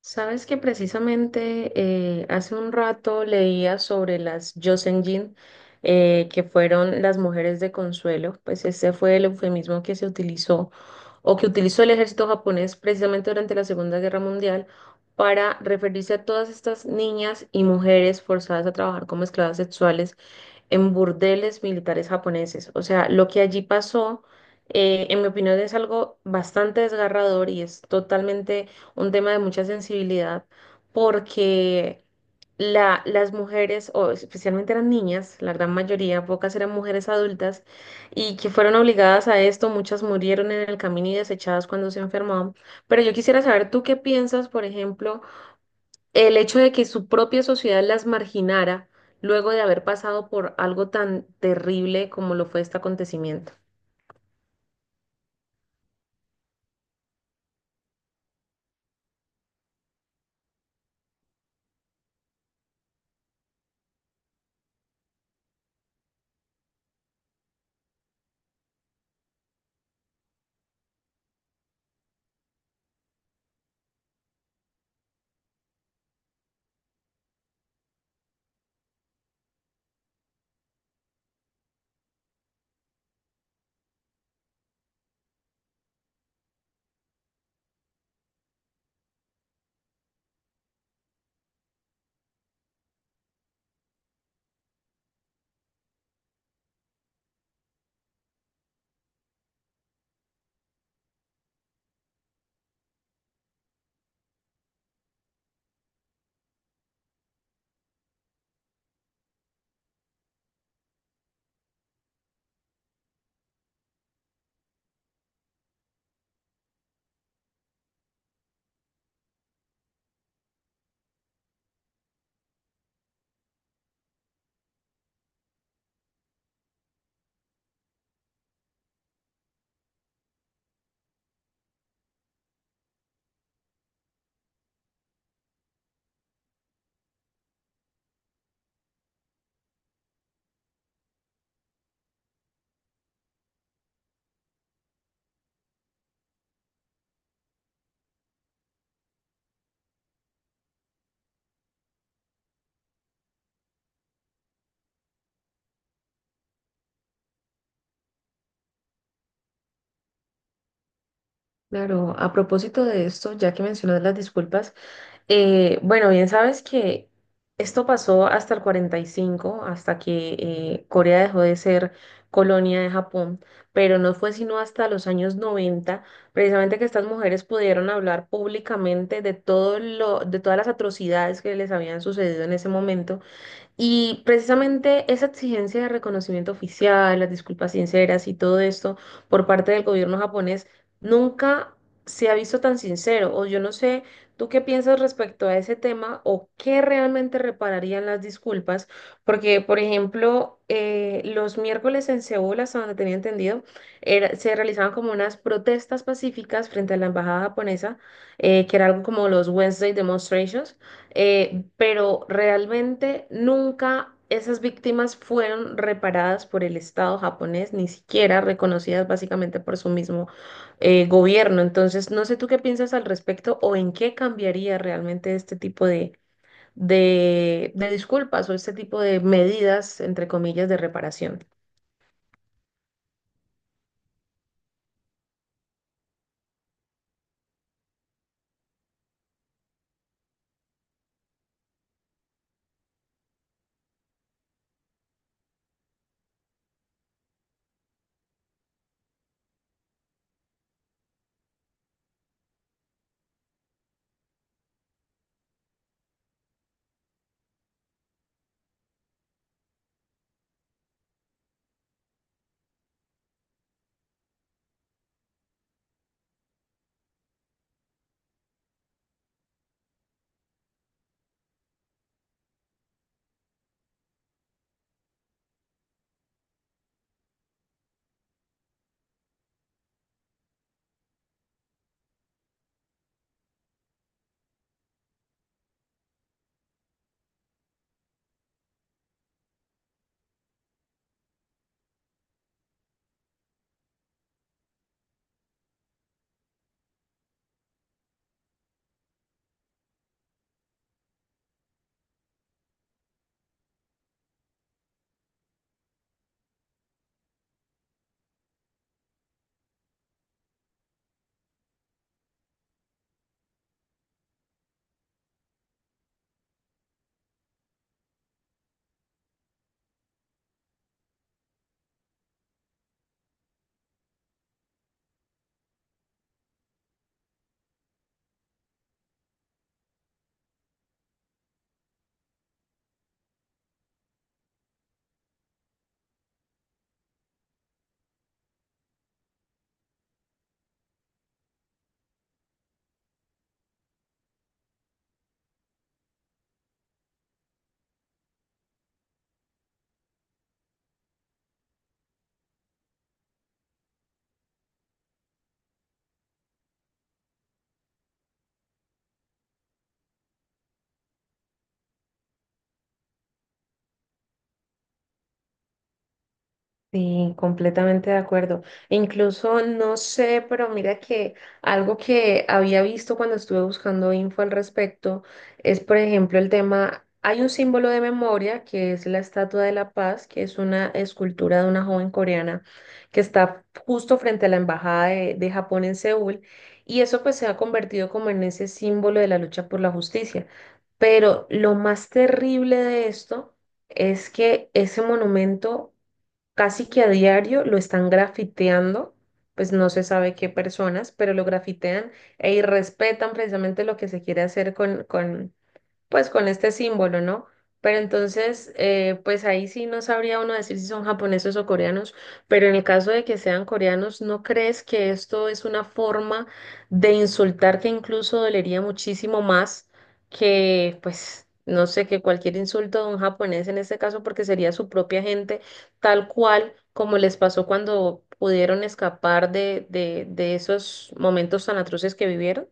Sabes que precisamente hace un rato leía sobre las Joseonjin, que fueron las mujeres de consuelo. Pues ese fue el eufemismo que se utilizó o que utilizó el ejército japonés precisamente durante la Segunda Guerra Mundial para referirse a todas estas niñas y mujeres forzadas a trabajar como esclavas sexuales en burdeles militares japoneses. O sea, lo que allí pasó, en mi opinión, es algo bastante desgarrador y es totalmente un tema de mucha sensibilidad, porque las mujeres, o especialmente eran niñas, la gran mayoría, pocas eran mujeres adultas, y que fueron obligadas a esto, muchas murieron en el camino y desechadas cuando se enfermaban. Pero yo quisiera saber, ¿tú qué piensas, por ejemplo, el hecho de que su propia sociedad las marginara luego de haber pasado por algo tan terrible como lo fue este acontecimiento? Claro, a propósito de esto, ya que mencionas las disculpas, bueno, bien sabes que esto pasó hasta el 45, hasta que Corea dejó de ser colonia de Japón, pero no fue sino hasta los años 90 precisamente que estas mujeres pudieron hablar públicamente de todo lo, de todas las atrocidades que les habían sucedido en ese momento. Y precisamente esa exigencia de reconocimiento oficial, las disculpas sinceras y todo esto por parte del gobierno japonés nunca se ha visto tan sincero. O yo no sé, ¿tú qué piensas respecto a ese tema o qué realmente repararían las disculpas? Porque, por ejemplo, los miércoles en Seúl, hasta donde tenía entendido, se realizaban como unas protestas pacíficas frente a la embajada japonesa, que era algo como los Wednesday Demonstrations, pero realmente nunca esas víctimas fueron reparadas por el Estado japonés, ni siquiera reconocidas básicamente por su mismo gobierno. Entonces, no sé tú qué piensas al respecto o en qué cambiaría realmente este tipo de disculpas o este tipo de medidas, entre comillas, de reparación. Sí, completamente de acuerdo. E incluso no sé, pero mira que algo que había visto cuando estuve buscando info al respecto es, por ejemplo, el tema, hay un símbolo de memoria que es la Estatua de la Paz, que es una escultura de una joven coreana que está justo frente a la Embajada de Japón en Seúl, y eso pues se ha convertido como en ese símbolo de la lucha por la justicia. Pero lo más terrible de esto es que ese monumento casi que a diario lo están grafiteando. Pues no se sabe qué personas, pero lo grafitean e irrespetan precisamente lo que se quiere hacer pues con este símbolo, ¿no? Pero entonces, pues ahí sí no sabría uno decir si son japoneses o coreanos, pero en el caso de que sean coreanos, ¿no crees que esto es una forma de insultar que incluso dolería muchísimo más que, pues, no sé, que cualquier insulto de un japonés en este caso, porque sería su propia gente, tal cual como les pasó cuando pudieron escapar de esos momentos tan atroces que vivieron?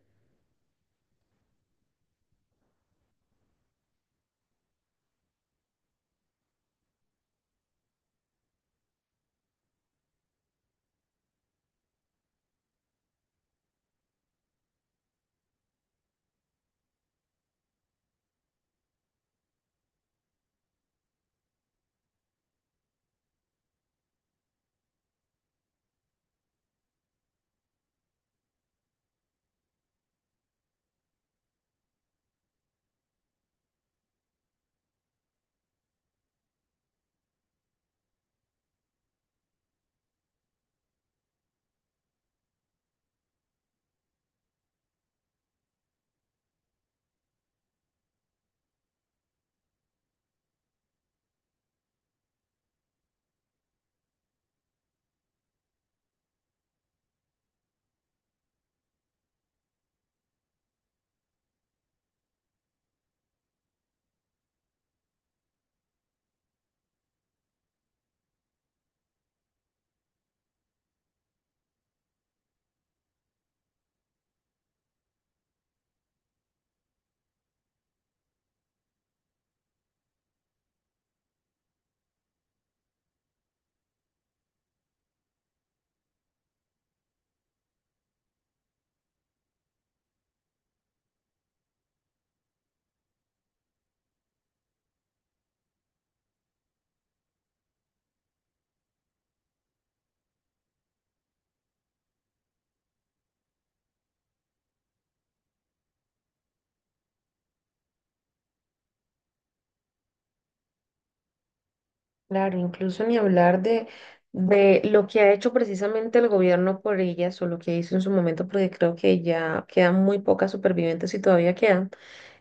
Claro, incluso ni hablar de lo que ha hecho precisamente el gobierno por ellas o lo que hizo en su momento, porque creo que ya quedan muy pocas supervivientes y todavía quedan.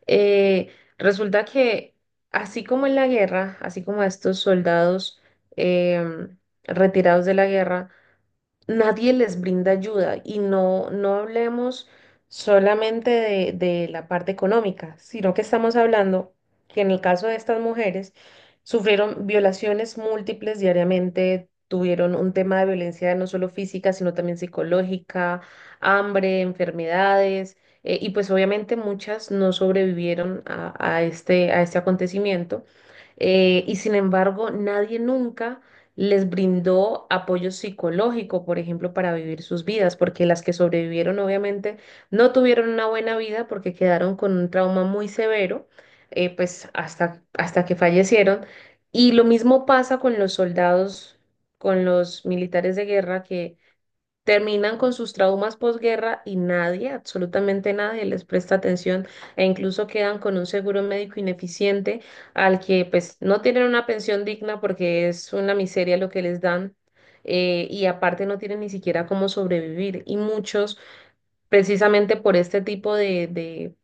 Eh, resulta que así como en la guerra, así como a estos soldados em, retirados de la guerra, nadie les brinda ayuda, y no, no hablemos solamente de la parte económica, sino que estamos hablando que en el caso de estas mujeres sufrieron violaciones múltiples diariamente, tuvieron un tema de violencia no solo física, sino también psicológica, hambre, enfermedades, y pues obviamente muchas no sobrevivieron a este acontecimiento. Y sin embargo, nadie nunca les brindó apoyo psicológico, por ejemplo, para vivir sus vidas, porque las que sobrevivieron obviamente no tuvieron una buena vida porque quedaron con un trauma muy severo, pues hasta, hasta que fallecieron. Y lo mismo pasa con los soldados, con los militares de guerra que terminan con sus traumas posguerra, y nadie, absolutamente nadie, les presta atención e incluso quedan con un seguro médico ineficiente, al que pues no tienen una pensión digna porque es una miseria lo que les dan, y aparte no tienen ni siquiera cómo sobrevivir, y muchos precisamente por este tipo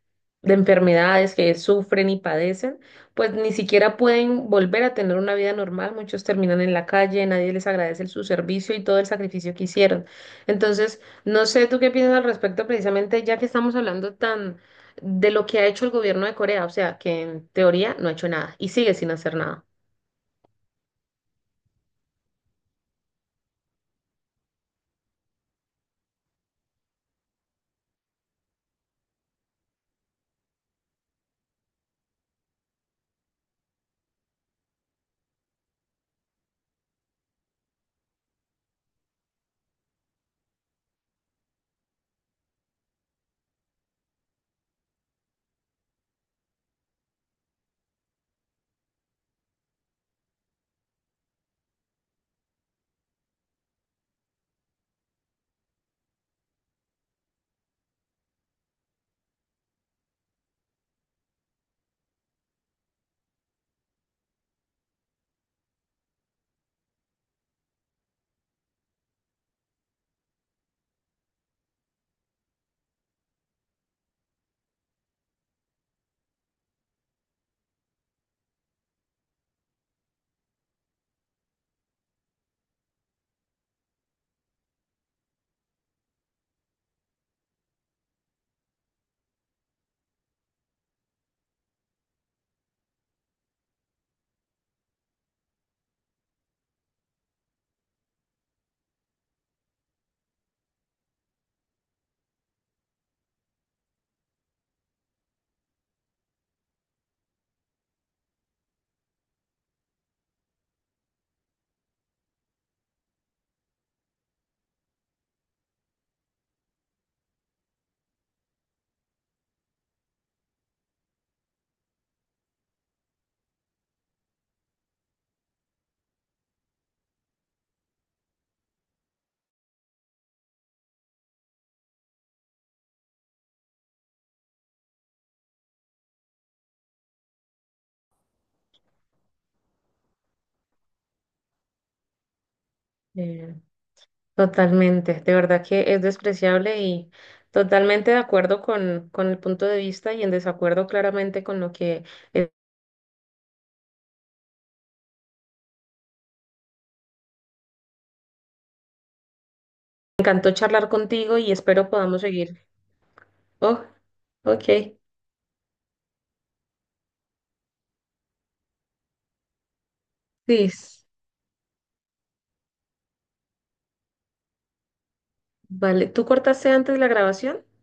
de enfermedades que sufren y padecen, pues ni siquiera pueden volver a tener una vida normal. Muchos terminan en la calle, nadie les agradece su servicio y todo el sacrificio que hicieron. Entonces, no sé tú qué piensas al respecto, precisamente ya que estamos hablando tan de lo que ha hecho el gobierno de Corea, o sea, que en teoría no ha hecho nada y sigue sin hacer nada. Totalmente, de verdad que es despreciable y totalmente de acuerdo con el punto de vista y en desacuerdo claramente con lo que eh, me encantó charlar contigo y espero podamos seguir. Oh, ok. Liz, vale, ¿tú cortaste antes la grabación?